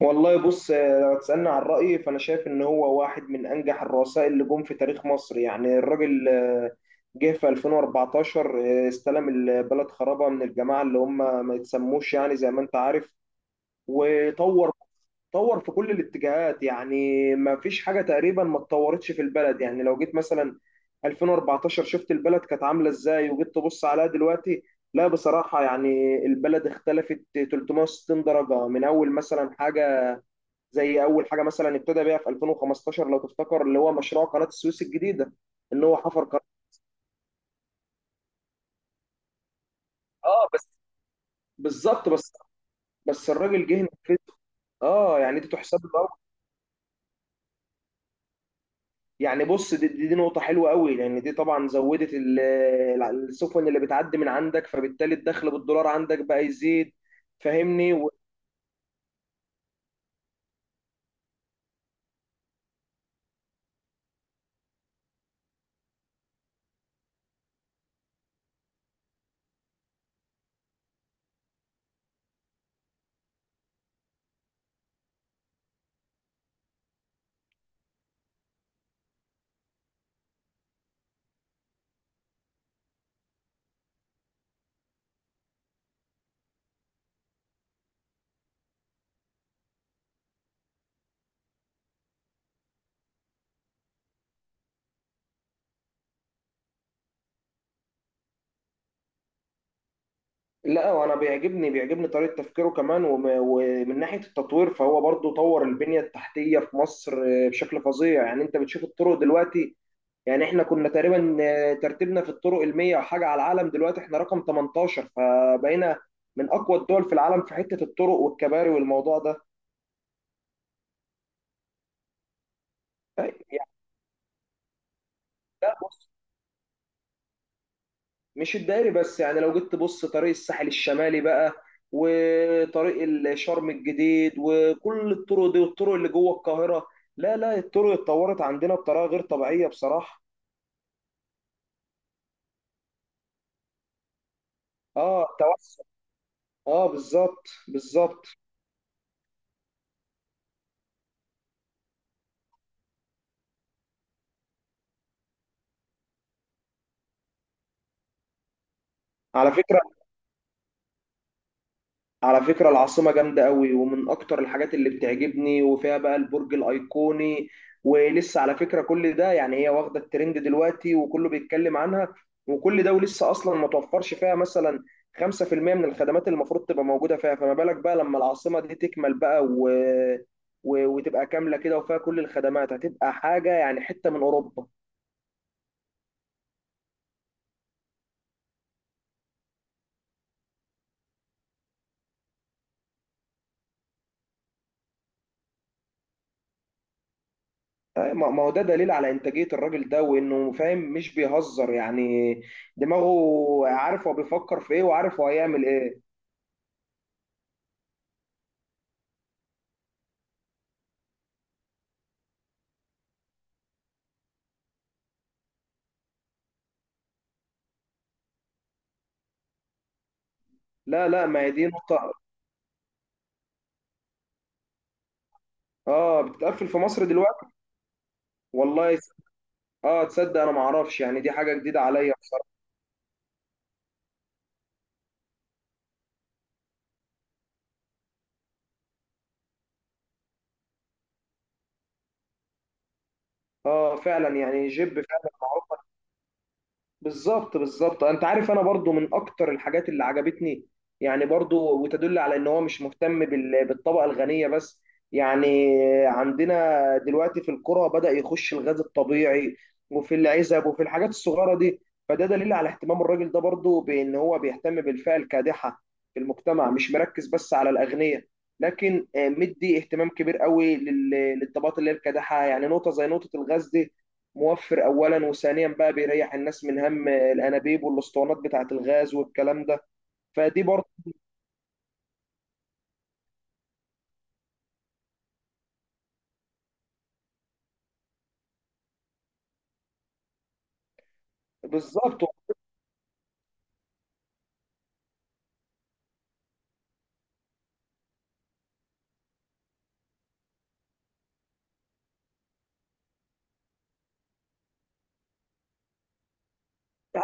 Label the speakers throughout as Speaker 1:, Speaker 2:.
Speaker 1: والله بص، لو تسألني عن رأيي فأنا شايف إن هو واحد من أنجح الرؤساء اللي جم في تاريخ مصر، يعني الراجل جه في 2014. استلم البلد خرابة من الجماعة اللي هم ما يتسموش، يعني زي ما أنت عارف. وطور في كل الاتجاهات، يعني ما فيش حاجة تقريبا ما اتطورتش في البلد. يعني لو جيت مثلا 2014، شفت البلد كانت عاملة ازاي، وجيت تبص عليها دلوقتي، لا بصراحة يعني البلد اختلفت 360 درجة. من أول مثلا حاجة زي اول حاجه مثلا ابتدى بيها في 2015، لو تفتكر، اللي هو مشروع قناه السويس الجديده. ان هو حفر قناه. اه بس، بالظبط بس، بس الراجل جه نفذ. اه، يعني دي تحسب له أوي. يعني بص، دي نقطه حلوه قوي، لان دي طبعا زودت السفن اللي بتعدي من عندك، فبالتالي الدخل بالدولار عندك بقى يزيد، فاهمني. لا وانا بيعجبني طريقه تفكيره كمان. ومن ناحيه التطوير، فهو برضو طور البنيه التحتيه في مصر بشكل فظيع. يعني انت بتشوف الطرق دلوقتي. يعني احنا كنا تقريبا ترتيبنا في الطرق المية وحاجة على العالم، دلوقتي احنا رقم 18، فبقينا من اقوى الدول في العالم في حتة الطرق والكباري والموضوع ده. طيب، يعني، لا بص، مش الدائري بس، يعني لو جيت تبص طريق الساحل الشمالي بقى، وطريق الشرم الجديد، وكل الطرق دي، والطرق اللي جوه القاهرة. لا لا، الطرق اتطورت عندنا بطريقة غير طبيعية بصراحة. اه توسع، اه بالظبط بالظبط. على فكرة على فكرة العاصمة جامدة قوي، ومن أكتر الحاجات اللي بتعجبني، وفيها بقى البرج الأيقوني. ولسه على فكرة كل ده، يعني هي واخدة الترند دلوقتي وكله بيتكلم عنها، وكل ده ولسه أصلا ما توفرش فيها مثلا 5% من الخدمات اللي المفروض تبقى موجودة فيها، فما بالك بقى لما العاصمة دي تكمل بقى وتبقى كاملة كده وفيها كل الخدمات، هتبقى حاجة يعني حتة من أوروبا. أي، ما هو ده دليل على انتاجيه الراجل ده وانه فاهم مش بيهزر، يعني دماغه عارف هو بيفكر في ايه، وعارف هو هيعمل ايه. لا لا، ما هي دي نقطه. اه بتقفل في مصر دلوقتي. والله اه تصدق انا ما اعرفش، يعني دي حاجه جديده عليا بصراحه. اه فعلا، يعني جيب فعلا. بالظبط بالظبط، انت عارف انا برضو من اكتر الحاجات اللي عجبتني، يعني برضو، وتدل على ان هو مش مهتم بالطبقة الغنية بس. يعني عندنا دلوقتي في القرى بدأ يخش الغاز الطبيعي، وفي العزب، وفي الحاجات الصغيرة دي. فده دليل على اهتمام الراجل ده، برضو بان هو بيهتم بالفئة الكادحة في المجتمع، مش مركز بس على الأغنياء، لكن مدي اهتمام كبير قوي للطبقات اللي هي الكادحة. يعني نقطة زي نقطة الغاز دي، موفر اولا، وثانيا بقى بيريح الناس من هم الانابيب والاسطوانات بتاعه الغاز والكلام ده. فدي برضه بالظبط. ما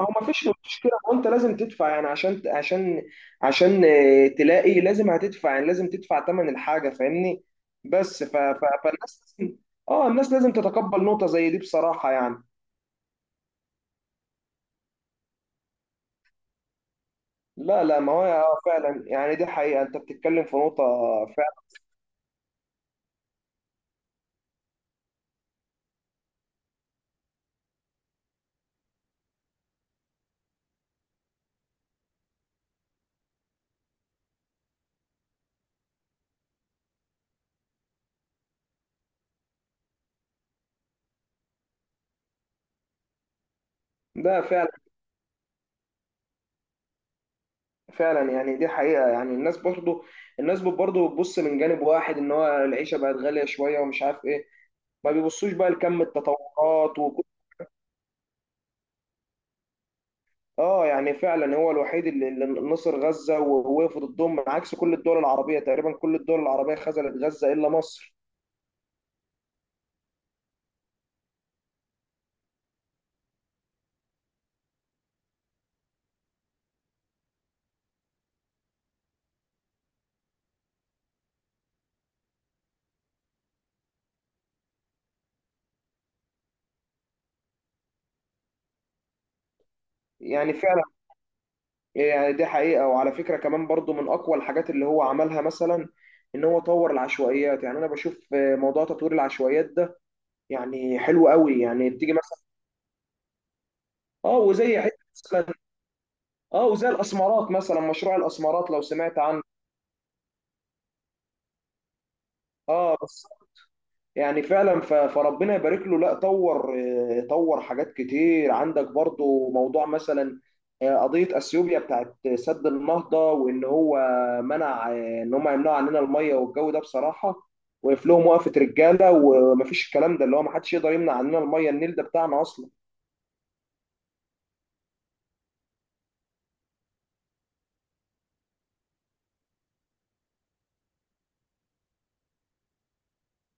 Speaker 1: هو ما فيش مشكله، ما انت لازم تدفع، يعني عشان تلاقي لازم هتدفع، يعني لازم تدفع ثمن الحاجه، فاهمني. بس فالناس لازم. اه الناس لازم تتقبل نقطه زي دي بصراحه يعني. لا لا، ما هو فعلا، يعني دي حقيقه، انت بتتكلم في نقطه فعلا. ده فعلا، فعلا، يعني دي حقيقة. يعني الناس برضو بتبص من جانب واحد ان هو العيشة بقت غالية شوية ومش عارف ايه، ما بيبصوش بقى لكم التطورات وكل. اه يعني فعلا، هو الوحيد اللي نصر غزة ووقف ضدهم، عكس كل الدول العربية تقريبا، كل الدول العربية خذلت غزة الا مصر. يعني فعلا، يعني دي حقيقة. وعلى فكرة كمان، برضو من اقوى الحاجات اللي هو عملها مثلا، ان هو طور العشوائيات. يعني انا بشوف موضوع تطوير العشوائيات ده يعني حلو قوي، يعني بتيجي مثلا. اه وزي حته، اه وزي الاسمرات مثلا، مشروع الاسمرات، لو سمعت عنه. اه بس، يعني فعلا. فربنا يبارك له. لا، طور حاجات كتير. عندك برضو موضوع مثلا قضية اثيوبيا بتاعت سد النهضة، وان هو منع ان هم يمنعوا عننا المية، والجو ده بصراحة وقف لهم وقفة رجالة، ومفيش الكلام ده اللي هو محدش يقدر يمنع عننا المية، النيل ده بتاعنا اصلا.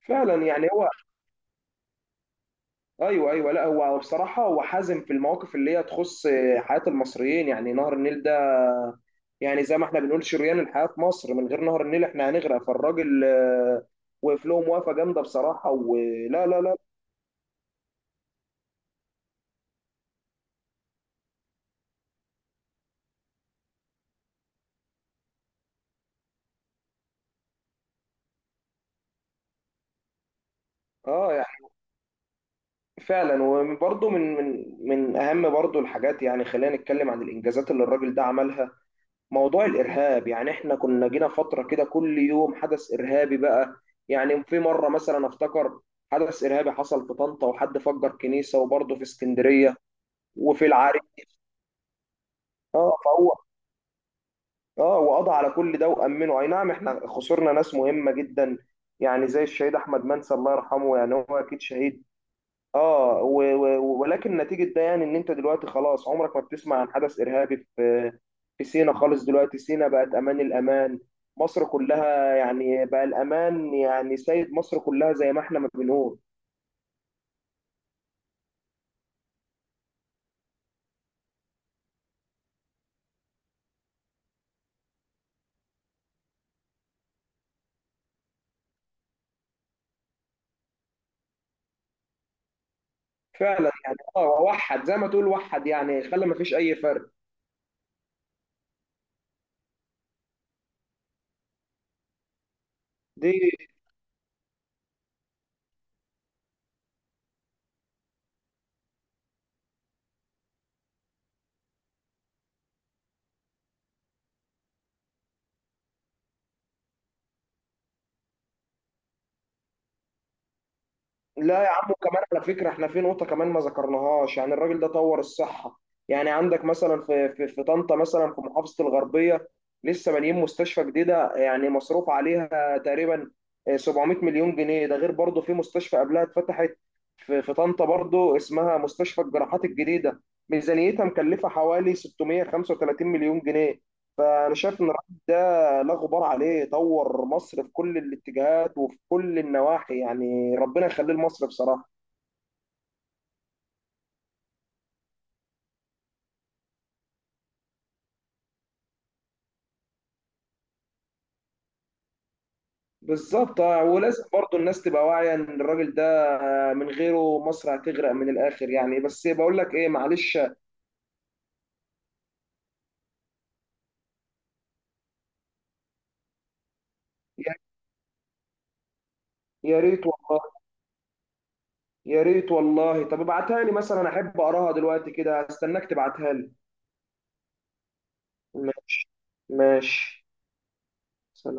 Speaker 1: فعلا يعني هو، ايوه ايوه، لا هو بصراحة هو حازم في المواقف اللي هي تخص حياة المصريين. يعني نهر النيل ده، يعني زي ما احنا بنقول شريان الحياة في مصر، من غير نهر النيل احنا هنغرق. فالراجل وقف له موافقة جامدة بصراحة، ولا لا لا. اه يعني فعلا، وبرضه من اهم برضه الحاجات. يعني خلينا نتكلم عن الانجازات اللي الراجل ده عملها. موضوع الارهاب، يعني احنا كنا جينا فترة كده كل يوم حدث ارهابي بقى. يعني في مرة مثلا افتكر، حدث ارهابي حصل في طنطا وحد فجر كنيسة، وبرضه في اسكندرية، وفي العريش. اه فهو، اه وقضى على كل ده وامنه. اي نعم احنا خسرنا ناس مهمه جدا، يعني زي الشهيد احمد منسي الله يرحمه، يعني هو اكيد شهيد. اه و و ولكن نتيجه ده، يعني ان انت دلوقتي خلاص عمرك ما بتسمع عن حدث ارهابي في سينا خالص. دلوقتي سينا بقت امان، الامان مصر كلها يعني، بقى الامان يعني سيد مصر كلها، زي ما احنا ما بنقول. فعلا يعني، اه وحد زي ما تقول، وحد يعني خلى ما فيش اي فرق دي. لا يا عم، وكمان على فكرة، احنا في نقطة كمان ما ذكرناهاش، يعني الراجل ده طور الصحة. يعني عندك مثلا في في طنطا مثلا، في محافظة الغربية، لسه بانيين مستشفى جديدة، يعني مصروف عليها تقريبا 700 مليون جنيه. ده غير برضه في مستشفى قبلها اتفتحت في طنطا برضه، اسمها مستشفى الجراحات الجديدة، ميزانيتها مكلفة حوالي 635 مليون جنيه. انا شايف ان الراجل ده لا غبار عليه، طور مصر في كل الاتجاهات وفي كل النواحي. يعني ربنا يخليه لمصر بصراحه. بالظبط ولازم برضو الناس تبقى واعيه ان الراجل ده من غيره مصر هتغرق من الاخر. يعني بس بقول لك ايه، معلش. يا يا ريت والله، يا ريت والله. طب ابعتها لي مثلا، انا احب اقراها دلوقتي كده، استناك تبعتها لي. ماشي ماشي. سلام.